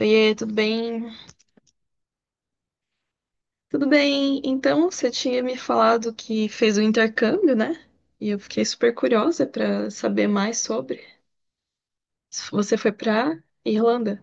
Oiê, tudo bem? Tudo bem. Então, você tinha me falado que fez o intercâmbio, né? E eu fiquei super curiosa para saber mais sobre. Você foi para Irlanda?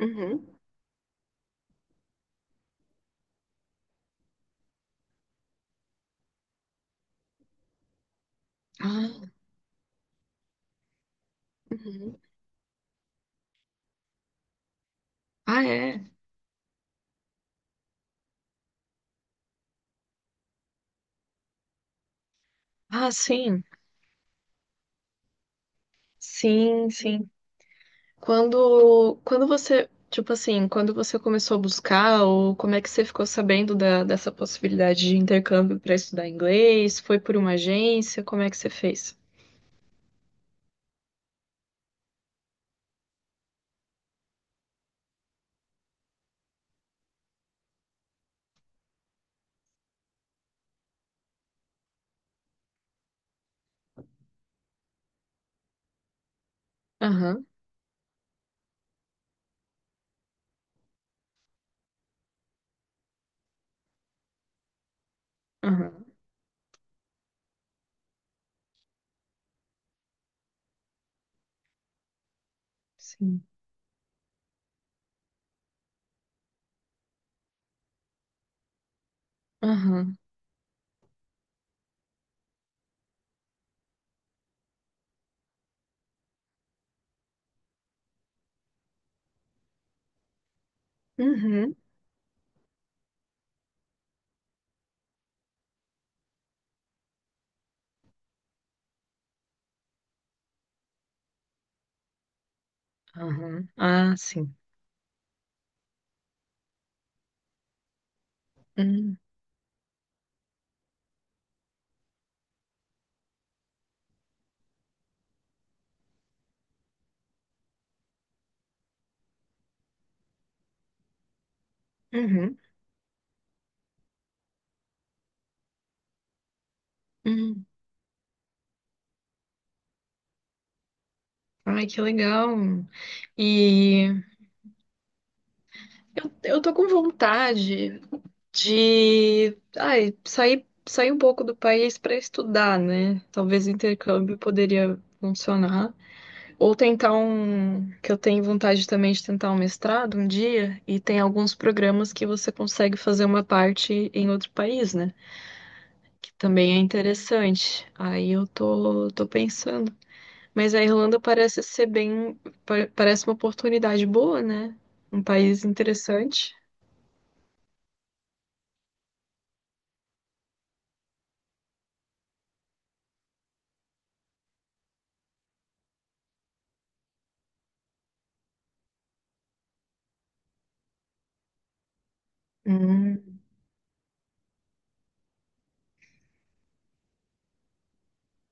Uhum. Ah, uhum. Ah, é. Ah, sim. Sim, sim. Quando você, tipo assim, quando você começou a buscar, ou como é que você ficou sabendo dessa possibilidade de intercâmbio para estudar inglês? Foi por uma agência? Como é que você fez? Aham, aham. Sim. Aham, uhum, aham. Ah, sim. Hum, uhum, hum. Ai, que legal. E eu tô com vontade de, ai, sair um pouco do país para estudar, né? Talvez o intercâmbio poderia funcionar. Ou tentar um, que eu tenho vontade também de tentar um mestrado um dia, e tem alguns programas que você consegue fazer uma parte em outro país, né? Que também é interessante. Aí eu tô pensando. Mas a Irlanda parece ser bem, parece uma oportunidade boa, né? Um país interessante. Hum,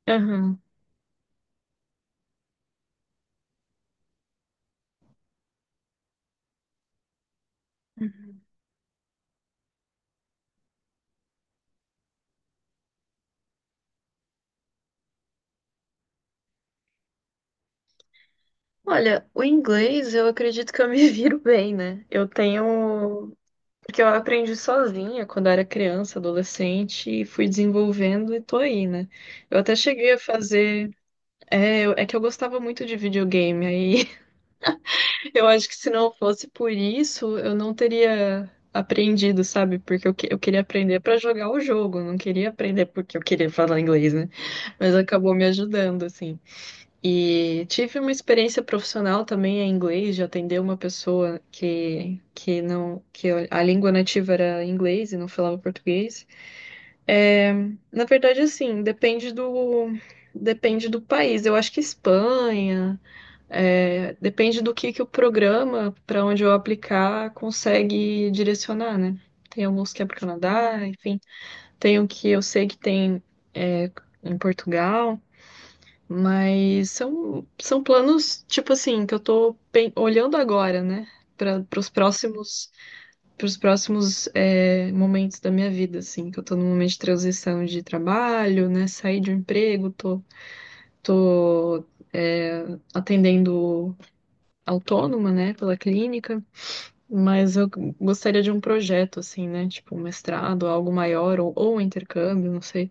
aham. Olha, o inglês eu acredito que eu me viro bem, né? Eu tenho. Porque eu aprendi sozinha quando eu era criança, adolescente, e fui desenvolvendo e tô aí, né? Eu até cheguei a fazer. É, é que eu gostava muito de videogame, aí. Eu acho que se não fosse por isso, eu não teria aprendido, sabe? Porque eu queria aprender pra jogar o jogo, não queria aprender porque eu queria falar inglês, né? Mas acabou me ajudando, assim. E tive uma experiência profissional também em inglês, de atender uma pessoa que não, que a língua nativa era inglês e não falava português. É, na verdade, assim, depende do país. Eu acho que Espanha. É, depende do que o programa para onde eu aplicar consegue direcionar, né? Tem alguns que é para o Canadá, enfim, tem o que eu sei que tem é, em Portugal, mas são planos, tipo assim, que eu tô olhando agora, né? Para os próximos, pros próximos momentos da minha vida, assim, que eu tô num momento de transição de trabalho, né? Saí de um emprego, tô é, atendendo autônoma, né, pela clínica, mas eu gostaria de um projeto, assim, né, tipo um mestrado, algo maior, ou um intercâmbio, não sei,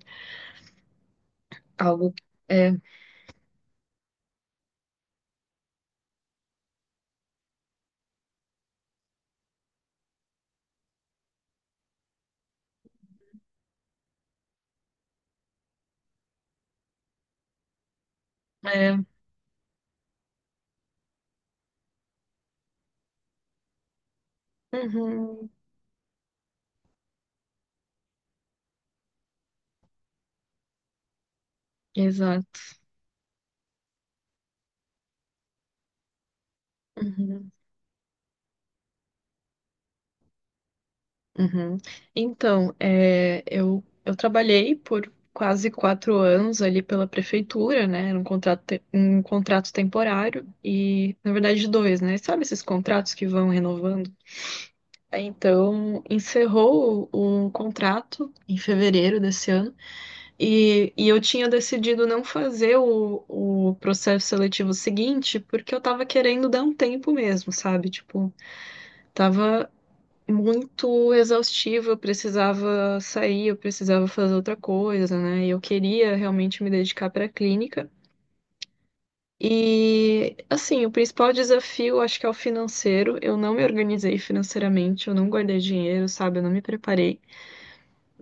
algo, é, é, uhum, exato, uhum, uhum. Então, eu trabalhei por quase quatro anos ali pela prefeitura, né, era um contrato, um contrato temporário, e, na verdade, dois, né, sabe esses contratos que vão renovando. Então, encerrou o contrato em fevereiro desse ano e, eu tinha decidido não fazer o processo seletivo seguinte porque eu tava querendo dar um tempo mesmo, sabe? Tipo, tava muito exaustivo, eu precisava sair, eu precisava fazer outra coisa, né? E eu queria realmente me dedicar para a clínica. E, assim, o principal desafio acho que é o financeiro. Eu não me organizei financeiramente, eu não guardei dinheiro, sabe? Eu não me preparei.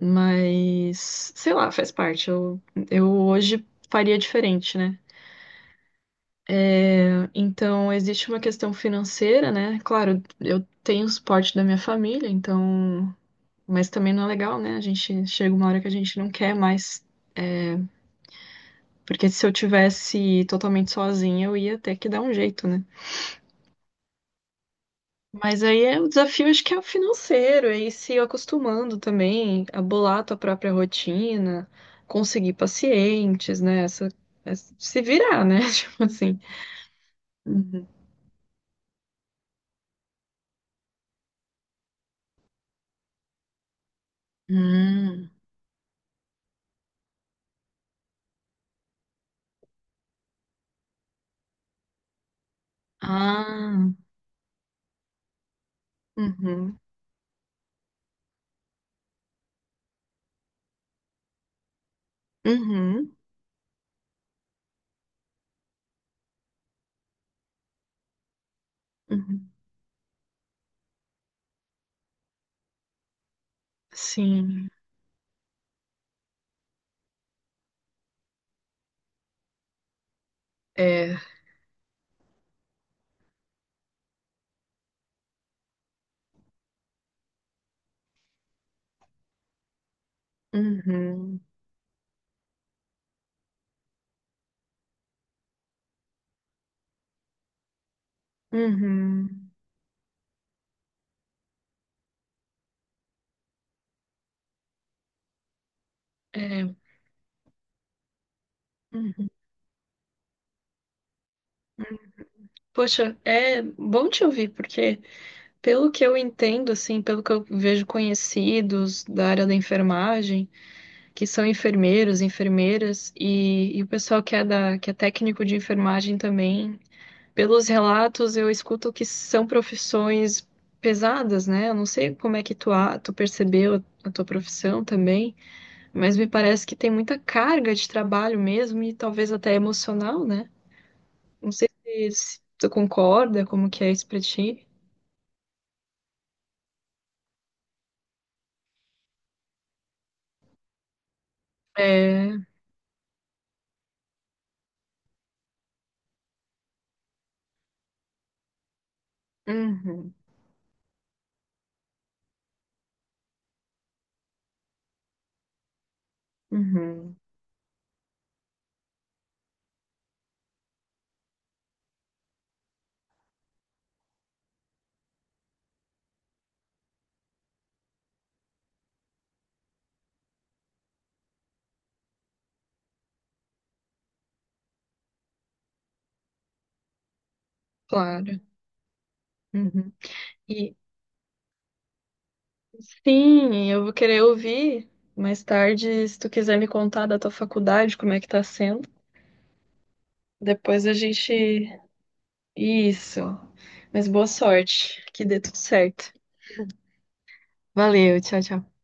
Mas, sei lá, faz parte. Eu hoje faria diferente, né? Então, existe uma questão financeira, né? Claro, eu tenho o suporte da minha família, então. Mas também não é legal, né? A gente chega uma hora que a gente não quer mais. Porque se eu tivesse totalmente sozinha, eu ia ter que dar um jeito, né? Mas aí é, o desafio acho que é o financeiro, é ir se acostumando também a bolar a tua própria rotina, conseguir pacientes, né? Essa, se virar, né? Tipo assim. Uhum. Hum. Ah. Uhum. Uhum. Uhum. Sim. É. Uhum. Uhum. É. Uhum. Poxa, é bom te ouvir, porque pelo que eu entendo, assim, pelo que eu vejo conhecidos da área da enfermagem, que são enfermeiros, enfermeiras e o pessoal que é da, que é técnico de enfermagem também. Pelos relatos, eu escuto que são profissões pesadas, né? Eu não sei como é que tu percebeu a tua profissão também, mas me parece que tem muita carga de trabalho mesmo e talvez até emocional, né? Não sei se tu concorda, como que é isso pra ti. É. Uhum, uhum, claro. Uhum. E, sim, eu vou querer ouvir mais tarde, se tu quiser me contar da tua faculdade, como é que tá sendo. Depois a gente. Isso. Mas boa sorte, que dê tudo certo. Valeu, tchau, tchau.